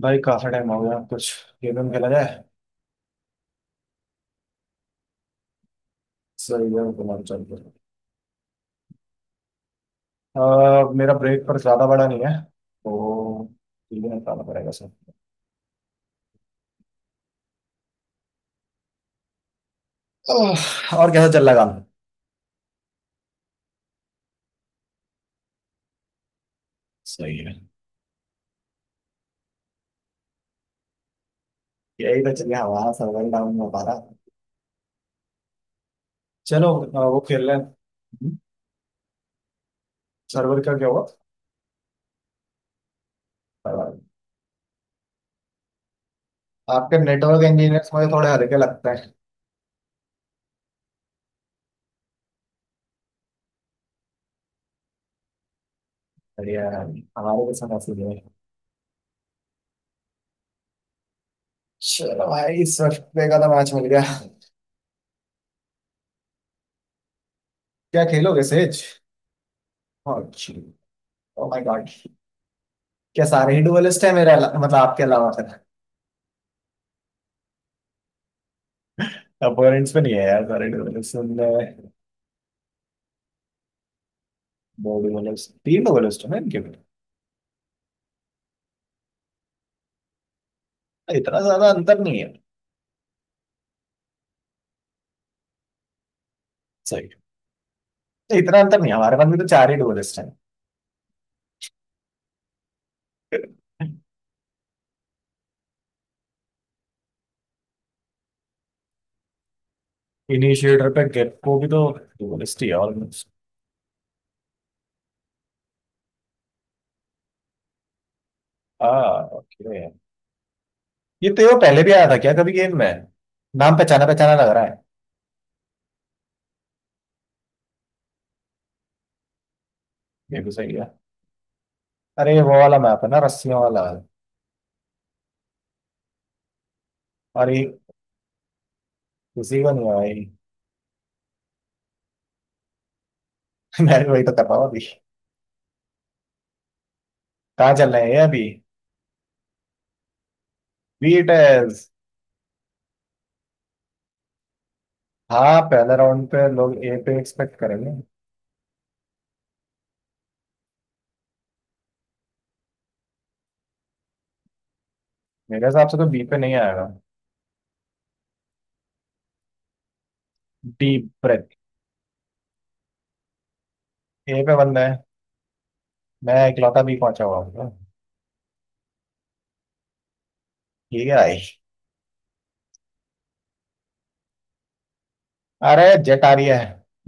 भाई काफी टाइम हो गया। कुछ गेम वेम खेला जाए। सही है, तुम्हारा चलते। मेरा ब्रेक पर ज्यादा बड़ा नहीं है, तो चीजें निकालना पड़ेगा सर। ओह, और कैसा चल रहा है काम? सही है। यही तो, चलिए हमारा सर्वर डाउन हो पा रहा। चलो वो खेल रहे हैं। हम्म, सर्वर का क्या हुआ? बराबर। आपके नेटवर्क इंजीनियर्स मुझे थोड़े हल्के लगते हैं। बढ़िया है भाई, हमारे के साथ ऐसे ही है। चलो भाई, इस वक्त पे का तो मैच मिल गया। क्या खेलोगे सेज? Oh my God. क्या सारे ही डुअलिस्ट है मेरे मतलब आपके अलावा फिर? अपोनेंट्स में नहीं है यार सारे डुअलिस्ट। दो डुअलिस्ट, तीन डुअलिस्ट है इनके में। इतना ज्यादा अंतर नहीं है। सही। इतना अंतर नहीं है, हमारे पास भी तो चार ही डुअलिस्ट हैं। इनिशिएटर पे गेको भी तो डुअलिस्ट ही है ऑलमोस्ट। हाँ ओके। ये तो, ये पहले भी आया था क्या कभी गेम में? नाम पहचाना पहचाना लग रहा है। ये भी सही है। अरे ये वो वाला मैप है ना, रस्सियों वाला। और ये किसी को नहीं है भाई। मैंने वही तो कर रहा हूँ अभी कहाँ। चल रहे हैं ये अभी। बीट। हाँ पहले राउंड पे लोग ए पे एक्सपेक्ट करेंगे। मेरे हिसाब से तो बी पे नहीं आएगा। Deep breath. ए पे बंदा है। मैं इकलौता बी पहुंचा हुआ हूँ। ठीक है भाई। अरे जेट आ रही है।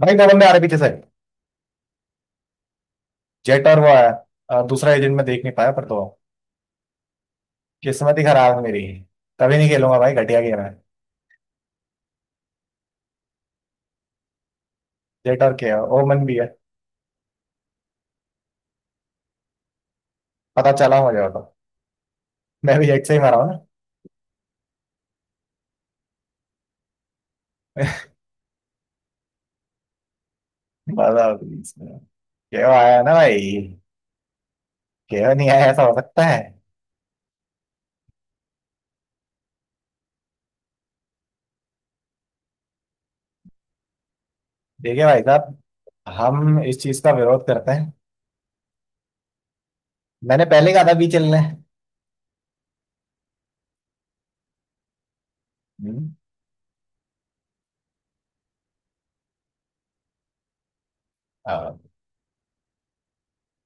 भाई दो बंदे आ रहे पीछे से। जेट और वो आया। दूसरा एजेंट मैं देख नहीं पाया पर, तो किस्मत ही खराब है मेरी। कभी नहीं खेलूंगा भाई, घटिया गेम है। जेट और के। ओमन भी है। पता चला मुझे, वो तो मैं भी जेट से ही मारा हूँ ना। मजा आती है इसमें। केओ आया ना भाई। केओ नहीं आया, ऐसा हो सकता है। देखिए भाई साहब, हम इस चीज का विरोध करते हैं। मैंने पहले कहा था बी चलना है। हम्म, हाँ।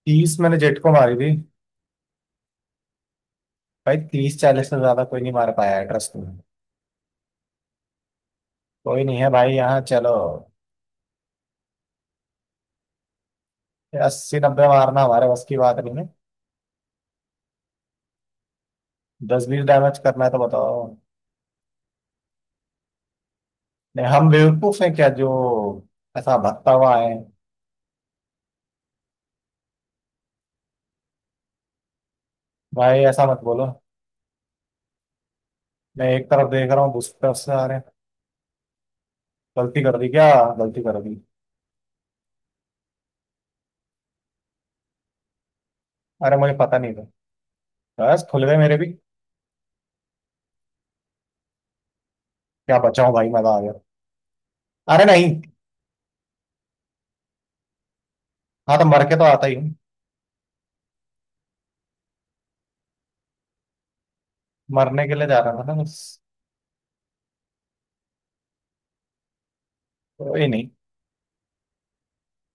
30 मैंने जेट को मारी थी। भाई 30 40 से ज्यादा कोई नहीं मार पाया है ट्रस्ट में। कोई नहीं है भाई यहाँ, चलो। 80 90 मारना हमारे बस की बात नहीं है। 10 20 डैमेज करना है तो बताओ। नहीं हम बेवकूफ हैं क्या जो ऐसा भटका हुआ है? भाई ऐसा मत बोलो। मैं एक तरफ देख रहा हूँ, दूसरी तरफ से आ रहे हैं। गलती कर दी क्या? गलती कर दी। अरे मुझे पता नहीं था। बस खुल गए मेरे भी। क्या बचाऊं भाई, मजा आ गया। अरे नहीं। हाँ तो मर के तो आता ही हूँ। मरने के लिए जा रहा था ना बस। कोई नहीं।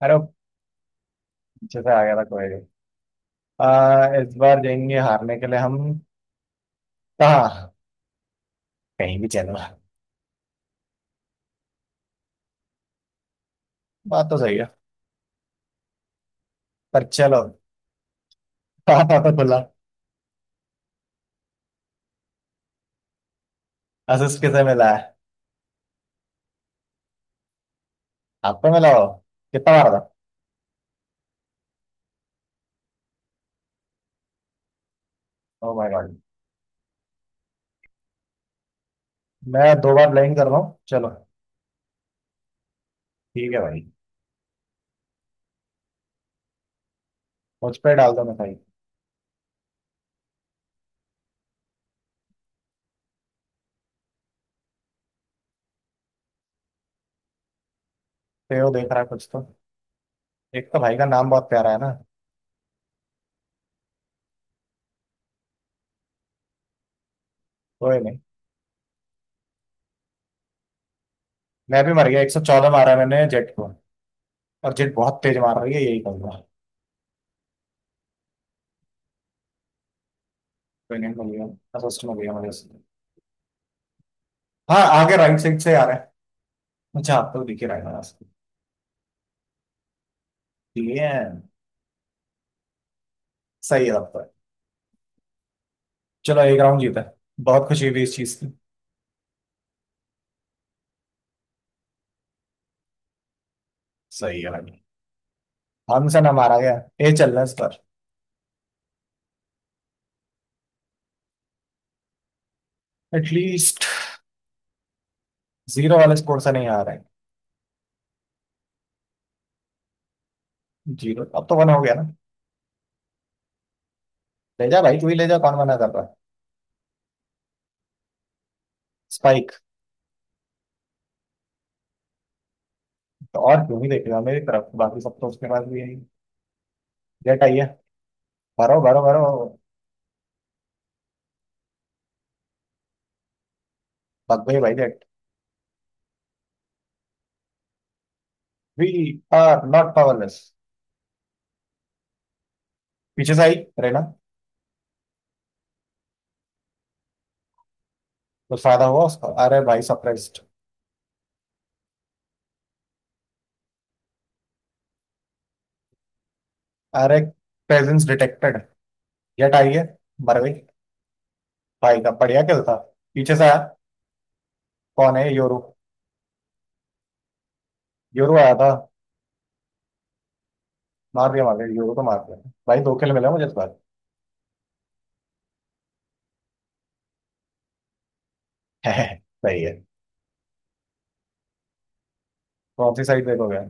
अरे वो पीछे से आ गया था, कोई नहीं। इस बार जाएंगे हारने के लिए हम। कहाँ? कहीं भी चलो। बात तो सही है। पर चलो। पापा तो खुला। असिस किसे मिला है? आपको मिला हो। कितना बार था? Oh my God. मैं दो बार ब्लाइंड कर रहा हूँ, चलो। ठीक है भाई। मुझ पे डाल दो मैं भाई। तेरे देख रहा है कुछ तो। एक तो भाई का नाम बहुत प्यारा है ना। कोई नहीं। मैं भी मर गया। 114 मारा मैंने जेट को। और जेट बहुत तेज मार रही है, यही कहूंगा। कोई नहीं, मिल गया। असिस्ट मिल गया मुझे। हाँ आगे राइट साइड से आ रहा है। अच्छा आप तो दिखे रहा है मेरा। ठीक है। सही है तब तो। चलो एक राउंड जीता है। बहुत खुशी हुई इस चीज की। सही है भाई। हमसे ना मारा गया। ये चल रहा है इस पर। एटलीस्ट जीरो वाले स्कोर से नहीं आ रहे हैं। जीरो अब तो वन हो गया ना। ले जा भाई, तू ही ले जा, कौन मना कर रहा है। स्पाइक। तो और क्यों ही देखेगा मेरी तरफ, बाकी सब तो उसके पास भी है। डेट आई है। भरो भरो भरो। भग गई भाई that. We are not powerless. पीछे से आई। रहना। कुछ फायदा हुआ उसका? अरे भाई सप्रेस्ड। अरे प्रेजेंस डिटेक्टेड। या टाइगर। मर गई। भाई का बढ़िया खेल था। पीछे से आया। कौन है योरू? योरू आया था। मार दिया, मार दिया, योरू तो मार दिया। भाई दो खेल मिला मुझे इस बार। सही है। कौन सी साइड देखोगे?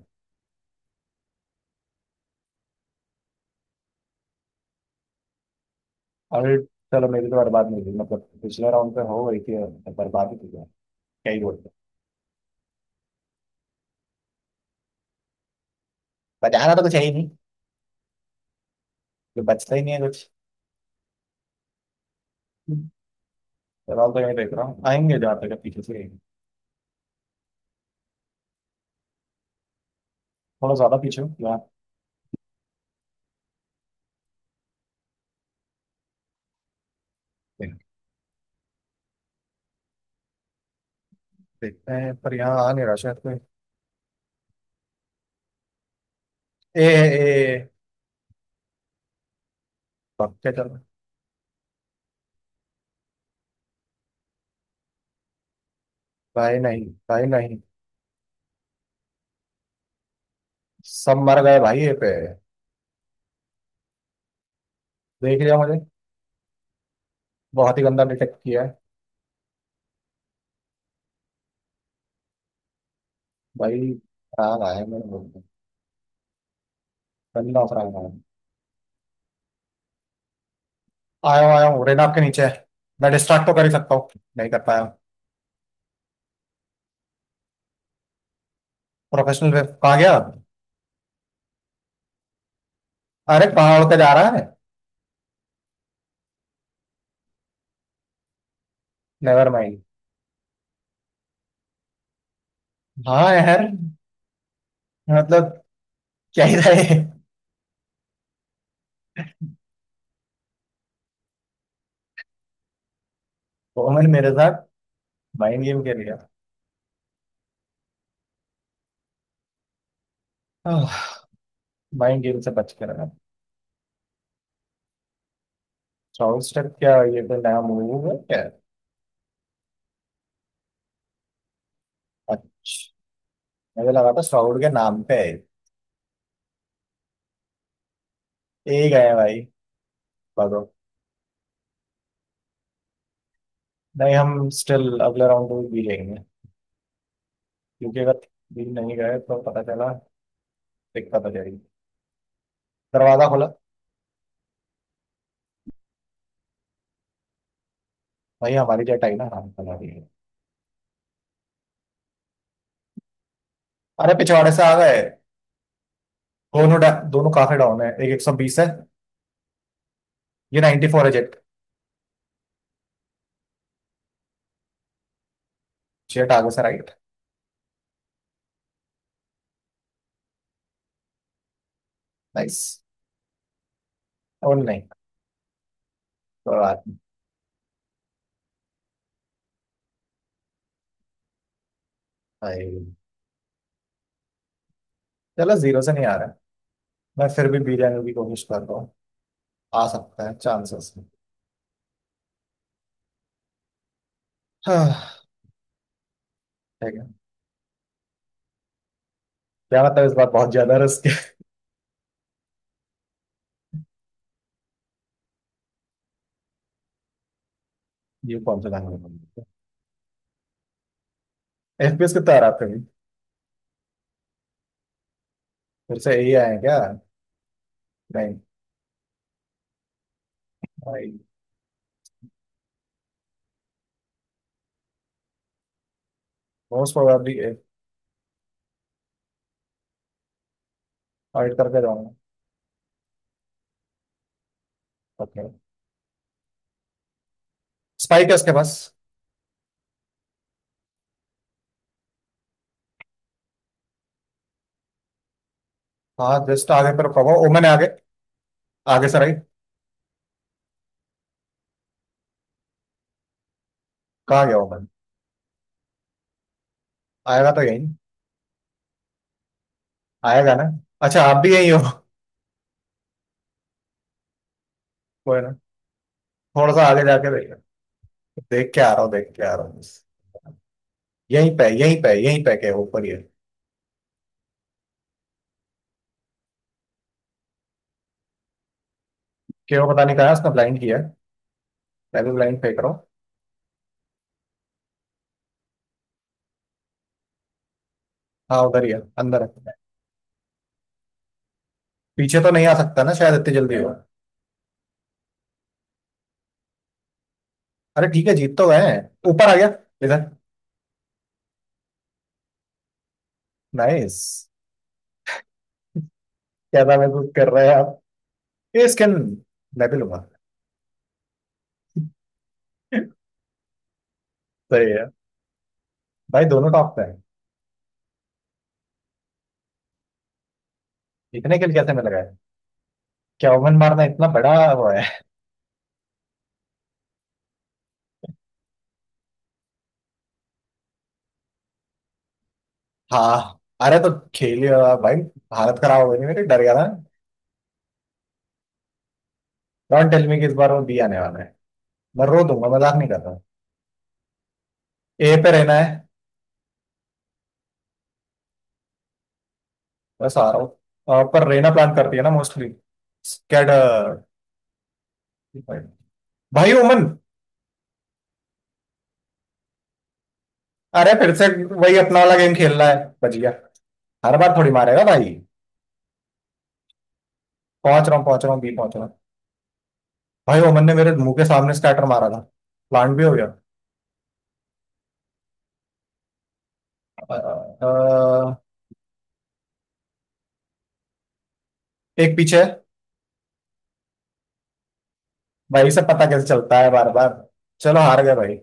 अरे चलो, मेरी तो बर्बाद नहीं हुई, मतलब पिछले राउंड पे हो गई थी और बर्बाद ही थी क्या। ही बोलते बचाना तो कुछ है ही नहीं। जो बचता ही नहीं है कुछ। फिलहाल तो यही देख रहा हूँ, आएंगे जहाँ तक है, पीछे से आएंगे। थोड़ा ज्यादा पीछे हूँ यहाँ। देख- देखते हैं, पर यहाँ आ नहीं रहा शायद कोई। ए ए ए, ए, पक्के चलो। भाई नहीं, भाई नहीं। सब मर गए भाई ये पे। देख लिया मुझे। बहुत ही गंदा डिटेक्ट किया है। भाई खराब आया है मेरे मुंह में। गंदा खराब आया है। आया हूँ आया हूँ, रेनाप के नीचे है। मैं डिस्ट्रैक्ट तो कर ही सकता हूँ। नहीं कर पाया। प्रोफेशनल वेब कहाँ गया? अरे कहाँ उड़ के जा रहा है। Never mind. हाँ यार। मतलब क्या ही रहे। कॉमन मेरे साथ। माइंड गेम खेल गया। माइंड गेम से बच के रहना। श्राउड स्टेप क्या ये, कोई नया मूव है क्या? अच्छा, मुझे लगा था श्राउड के नाम पे है। ये ही गए भाई, भगो। नहीं हम स्टिल अगले राउंड में भी जाएंगे, क्योंकि अगर भी नहीं गए तो पता चला दिक्कत हो जाएगी। दरवाजा खोला। भाई हमारी जेट आई ना, हाँ चला रही है। अरे पिछवाड़े से आ गए। दोनों काफी डाउन है, एक 120 है। ये 94 है जेट। जेट आगे से राइट। नाइस। और नहीं। कोई बात नहीं। भाई चलो, जीरो से नहीं आ रहा है। मैं फिर भी बी जाने की कोशिश कर रहा हूँ। आ सकता है चांसेस। हाँ ठीक है। क्या मतलब, इस बार बहुत ज्यादा रिस्क है। ये कौन सा लैंग्वेज? एफपीएस कितना आ रहा है फिर भी? फिर से यही आए हैं क्या? नहीं, मोस्ट प्रोबेबली ऑडिट करके जाऊंगा। ओके। स्पाइक है उसके पास। हाँ जस्ट आगे, पर प्रभाव ओमन है आगे। आगे से राइट। कहाँ गया ओमन? आएगा तो यही। आएगा ना? अच्छा आप भी यही हो। कोई ना। थोड़ा सा आगे जाके देख। देख के आ रहा हूँ, देख के आ रहा हूँ बस। यहीं पे यहीं पे यहीं पे, के ऊपर ही है। क्यों पता नहीं कहा है, उसने ब्लाइंड किया है। मैं भी ब्लाइंड फेंक रहा हूँ। हाँ उधर ही है, अंदर है। पीछे तो नहीं आ सकता ना शायद इतनी जल्दी हो। अरे ठीक है, जीत तो गए हैं। ऊपर आ गया। इधर। नाइस। क्या था, महसूस कर रहे हैं आप ये स्किन? मैं भी लूंगा। सही है। भाई दोनों टॉप पे है। इतने के लिए कैसे मिल गए? क्या ओवन मारना इतना बड़ा वो है? हाँ। अरे तो खेलिए। भाई हालत खराब हो गई मेरी, डर गया था। डोंट टेल मी कि इस बार वो बी आने वाला है। मैं रो दूंगा, मजाक नहीं करता। ए पे रहना है। बस आ रहा हूँ। पर रहना प्लान करती है ना मोस्टली। स्कैड। भाई ओमन। अरे फिर से, वही अपना वाला गेम खेल रहा है। बच गया। हर बार थोड़ी मारेगा भाई। पहुंच रहा हूँ, पहुंच रहा हूँ, बी पहुंच रहा हूँ। भाई ओमन ने मेरे मुंह के सामने स्कैटर मारा था। प्लांट भी हो गया। अ, अ, एक पीछे है। भाई से पता कैसे चलता है बार बार? चलो हार गए भाई।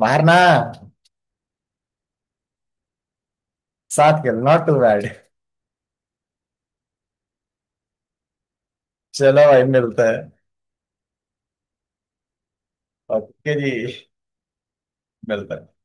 मारना। साथ खेल नॉट टू बैड। चलो भाई मिलते हैं। ओके जी। मिलते हैं।